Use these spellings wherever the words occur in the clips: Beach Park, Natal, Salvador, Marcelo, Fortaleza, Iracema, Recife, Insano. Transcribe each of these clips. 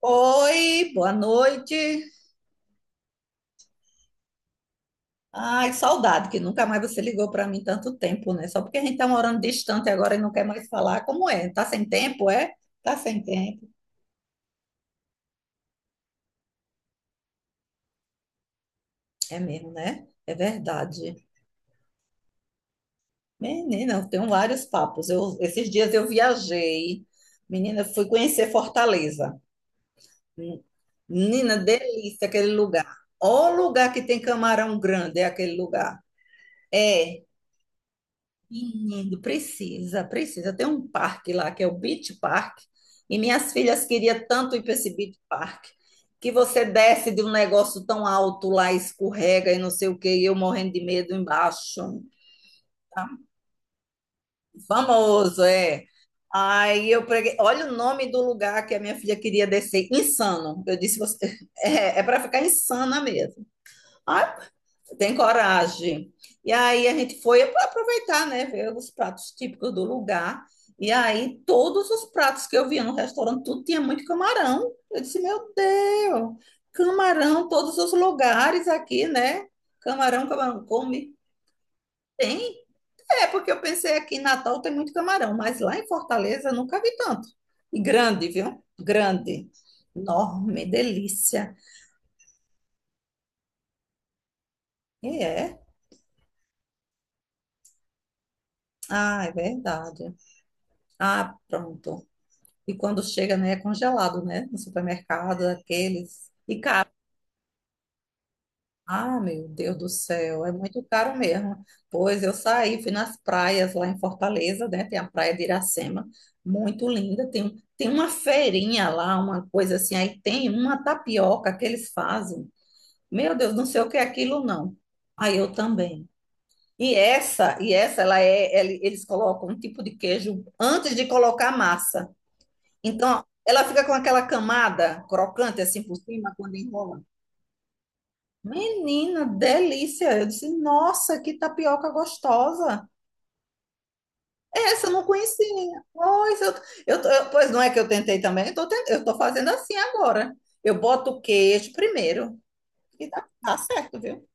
Oi, boa noite. Ai, saudade, que nunca mais você ligou para mim tanto tempo, né? Só porque a gente tá morando distante agora e não quer mais falar. Como é? Tá sem tempo, é? Tá sem tempo. É mesmo, né? É verdade. Menina, eu tenho vários papos. Esses dias eu viajei. Menina, eu fui conhecer Fortaleza. Menina, delícia aquele lugar. Ó lugar que tem camarão grande, é aquele lugar. É, Menino, precisa, precisa. Tem um parque lá que é o Beach Park, e minhas filhas queriam tanto ir para esse Beach Park, que você desce de um negócio tão alto lá, escorrega e não sei o quê, e eu morrendo de medo embaixo. Tá? Famoso, é. Aí eu preguei, olha o nome do lugar que a minha filha queria descer, Insano. Eu disse, você, é para ficar insana mesmo. Ah, tem coragem. E aí a gente foi para aproveitar, né? Ver os pratos típicos do lugar. E aí todos os pratos que eu via no restaurante, tudo tinha muito camarão. Eu disse, meu Deus, camarão, todos os lugares aqui, né? Camarão, camarão, come. Tem? É, porque eu pensei aqui em Natal tem muito camarão, mas lá em Fortaleza eu nunca vi tanto. E grande, viu? Grande. Enorme, delícia. E é. Ah, é verdade. Ah, pronto. E quando chega, né, é congelado, né? No supermercado, aqueles. Ah, meu Deus do céu, é muito caro mesmo. Pois eu saí, fui nas praias lá em Fortaleza, né? Tem a praia de Iracema, muito linda. Tem uma feirinha lá, uma coisa assim. Aí tem uma tapioca que eles fazem. Meu Deus, não sei o que é aquilo, não. Aí eu também. E essa, eles colocam um tipo de queijo antes de colocar a massa. Então, ela fica com aquela camada crocante assim por cima quando enrola. Menina, delícia! Eu disse, nossa, que tapioca gostosa! Essa eu não conhecia. Pois, eu, tô- eu- pois não é que eu tentei também, eu tô, ten- eu tô fazendo assim agora. Eu boto o queijo primeiro. E dá certo, viu?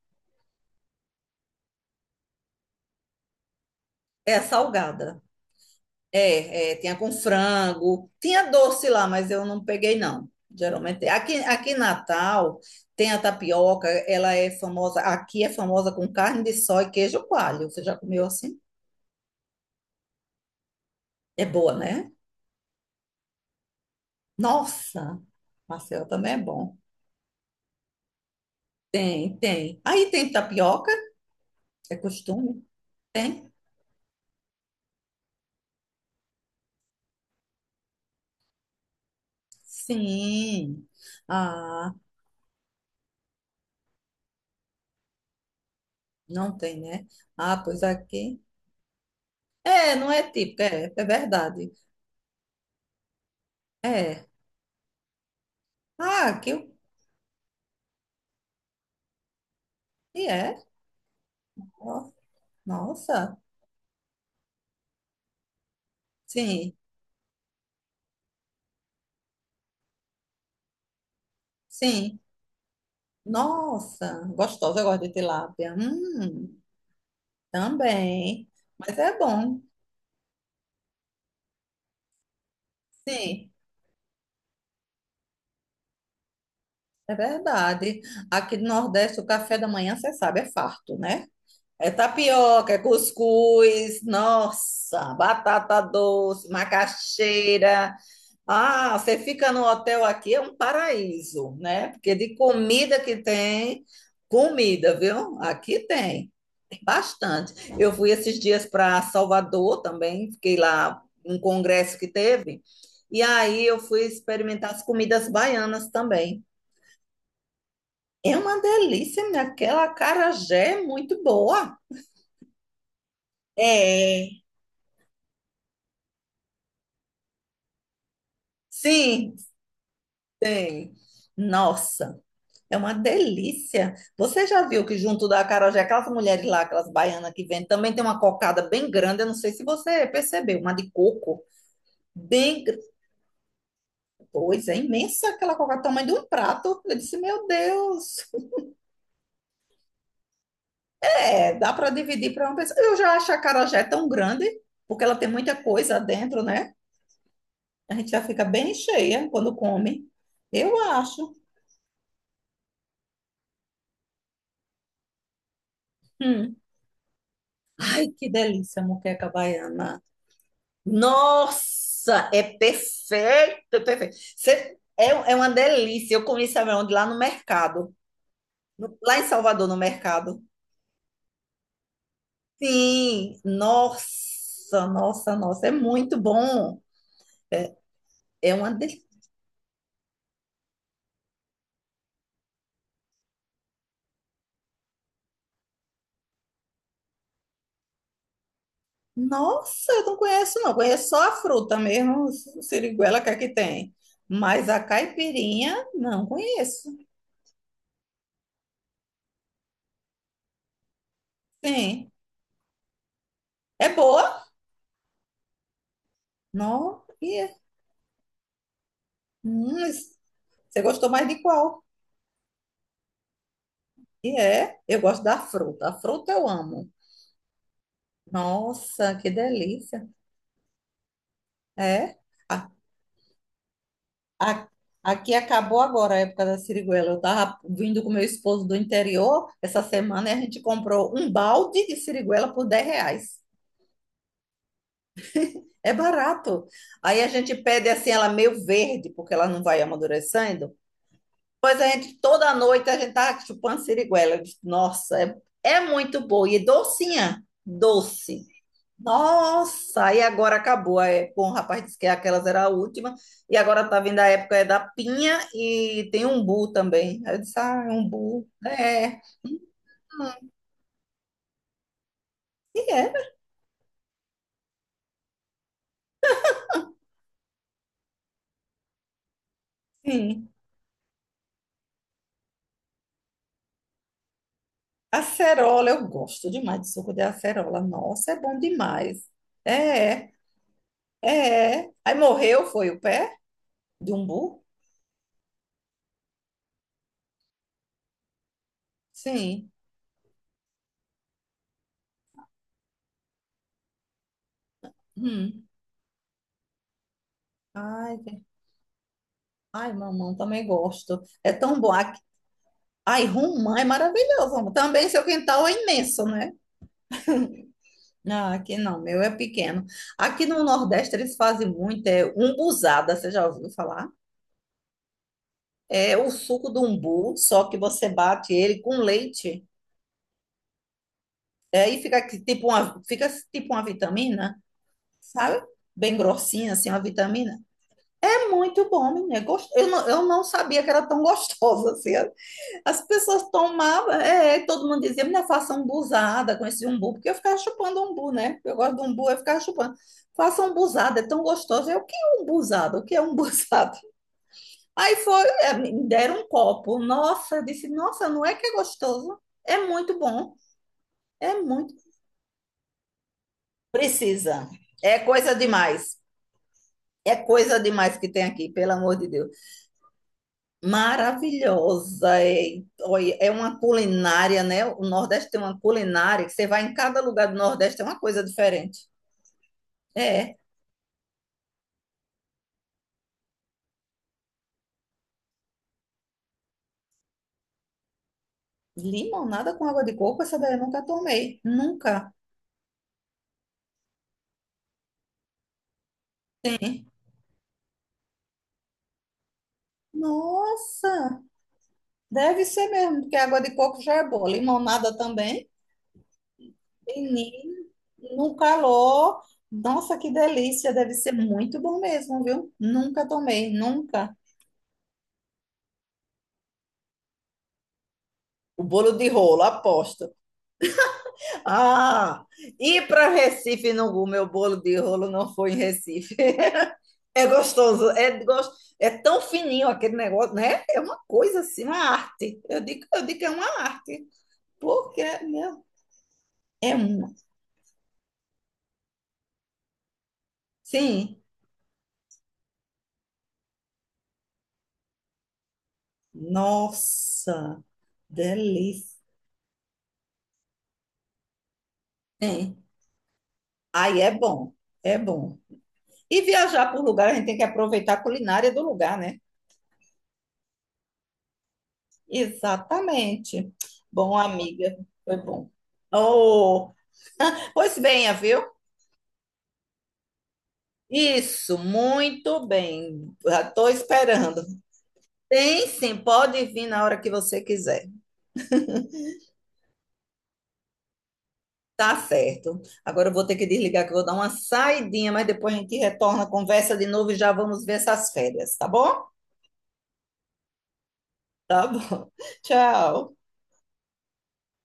É salgada. Tinha com frango, tinha doce lá, mas eu não peguei, não. Geralmente, aqui em Natal tem a tapioca, ela é famosa, aqui é famosa com carne de sol e queijo coalho. Você já comeu assim? É boa, né? Nossa, Marcelo também é bom. Tem, tem. Aí tem tapioca, é costume? Tem? Sim. Ah, não tem, né? Ah, pois aqui. É, não é típico é verdade. É. Ah, aqui. E é. Ó. Nossa, sim, sim. Nossa, gostosa, eu gosto de tilápia. Também. Mas é bom, sim, é verdade. Aqui no Nordeste, o café da manhã, você sabe, é farto, né? É tapioca, é cuscuz, nossa, batata doce, macaxeira. Ah, você fica no hotel aqui, é um paraíso, né? Porque de comida que tem, comida, viu? Aqui tem bastante. Eu fui esses dias para Salvador também, fiquei lá num congresso que teve, e aí eu fui experimentar as comidas baianas também. É uma delícia, minha. Aquela acarajé é muito boa. É. Sim, tem. Nossa, é uma delícia. Você já viu que junto da acarajé, aquelas mulheres lá, aquelas baianas que vendem, também tem uma cocada bem grande, eu não sei se você percebeu, uma de coco, bem. Pois é, imensa aquela cocada, tamanho de um prato. Eu disse, meu Deus, é, dá para dividir para uma pessoa. Eu já acho a acarajé tão grande, porque ela tem muita coisa dentro, né? A gente já fica bem cheia quando come. Eu acho. Hum. Ai, que delícia, moqueca baiana. Nossa, é perfeito, é perfeito. É uma delícia. Eu comi sabe onde? Lá no mercado. Lá em Salvador, no mercado. Sim, nossa, nossa, nossa, é muito bom. É uma delícia. Nossa, eu não conheço, não. Conheço só a fruta mesmo, siriguela que aqui tem. Mas a caipirinha, não conheço. Sim. É boa? Não. Hum, Você gostou mais de qual? E é, eu gosto da fruta. A fruta eu amo. Nossa, que delícia. É. A- a- aqui acabou agora a época da siriguela. Eu tava vindo com meu esposo do interior essa semana e a gente comprou um balde de siriguela por R$ 10. É barato. Aí a gente pede assim, ela meio verde, porque ela não vai amadurecendo. Pois a gente, toda noite, a gente tá chupando siriguela. Eu disse, Nossa, é muito boa e docinha. Doce. Nossa, e agora acabou. É, bom, o rapaz disse que aquelas era a última. E agora tá vindo a época é da pinha e tem umbu também. Aí eu disse, ah, é umbu. É. E é assim. Acerola, eu gosto demais de suco de acerola. Nossa, é bom demais. É, é. É. Aí morreu, foi o pé de umbu? Sim. Hum. Ai, que- ai, mamão, também gosto. É tão bom. Ai, romã é maravilhoso, amor. Também seu quintal é imenso, né? Ah, aqui não, meu é pequeno. Aqui no Nordeste eles fazem muito, é umbuzada, você já ouviu falar? É o suco do umbu, só que você bate ele com leite, é, e fica tipo uma vitamina, sabe? Bem grossinha, assim, uma vitamina. É muito bom, menina. Eu não, sabia que era tão gostosa assim. As pessoas tomavam, é, todo mundo dizia, minha faça umbuzada com esse umbu, porque eu ficava chupando umbu, né? Eu gosto do umbu, eu ficava chupando. Faça umbuzada, é tão gostoso. O que é umbuzada? O que é umbuzada? Aí foi, é, me deram um copo. Nossa, eu disse, nossa, não é que é gostoso? É muito bom, é muito. Precisa. É coisa demais. É coisa demais que tem aqui, pelo amor de Deus. Maravilhosa, é, olha, é uma culinária, né? O Nordeste tem uma culinária que você vai em cada lugar do Nordeste, é uma coisa diferente. É, limonada com água de coco, essa daí eu nunca tomei, nunca. Tem. Nossa, deve ser mesmo, porque a água de coco já é boa, limonada também. Menino, no calor, nossa, que delícia, deve ser muito bom mesmo, viu? Nunca tomei, nunca. O bolo de rolo, aposto. Ah, ir para Recife não, o meu bolo de rolo não foi em Recife. É gostoso, é tão fininho aquele negócio, né? É uma coisa assim, uma arte. Eu digo que é uma arte, porque meu, é uma. Sim, nossa, delícia. Sim. Aí é bom, é bom. E viajar por lugar, a gente tem que aproveitar a culinária do lugar, né? Exatamente. Bom, amiga, foi bom. Oh, pois venha, viu? Isso, muito bem. Já estou esperando. Tem sim, pode vir na hora que você quiser. Tá certo. Agora eu vou ter que desligar que eu vou dar uma saidinha, mas depois a gente retorna a conversa de novo e já vamos ver essas férias, tá bom? Tá bom. Tchau.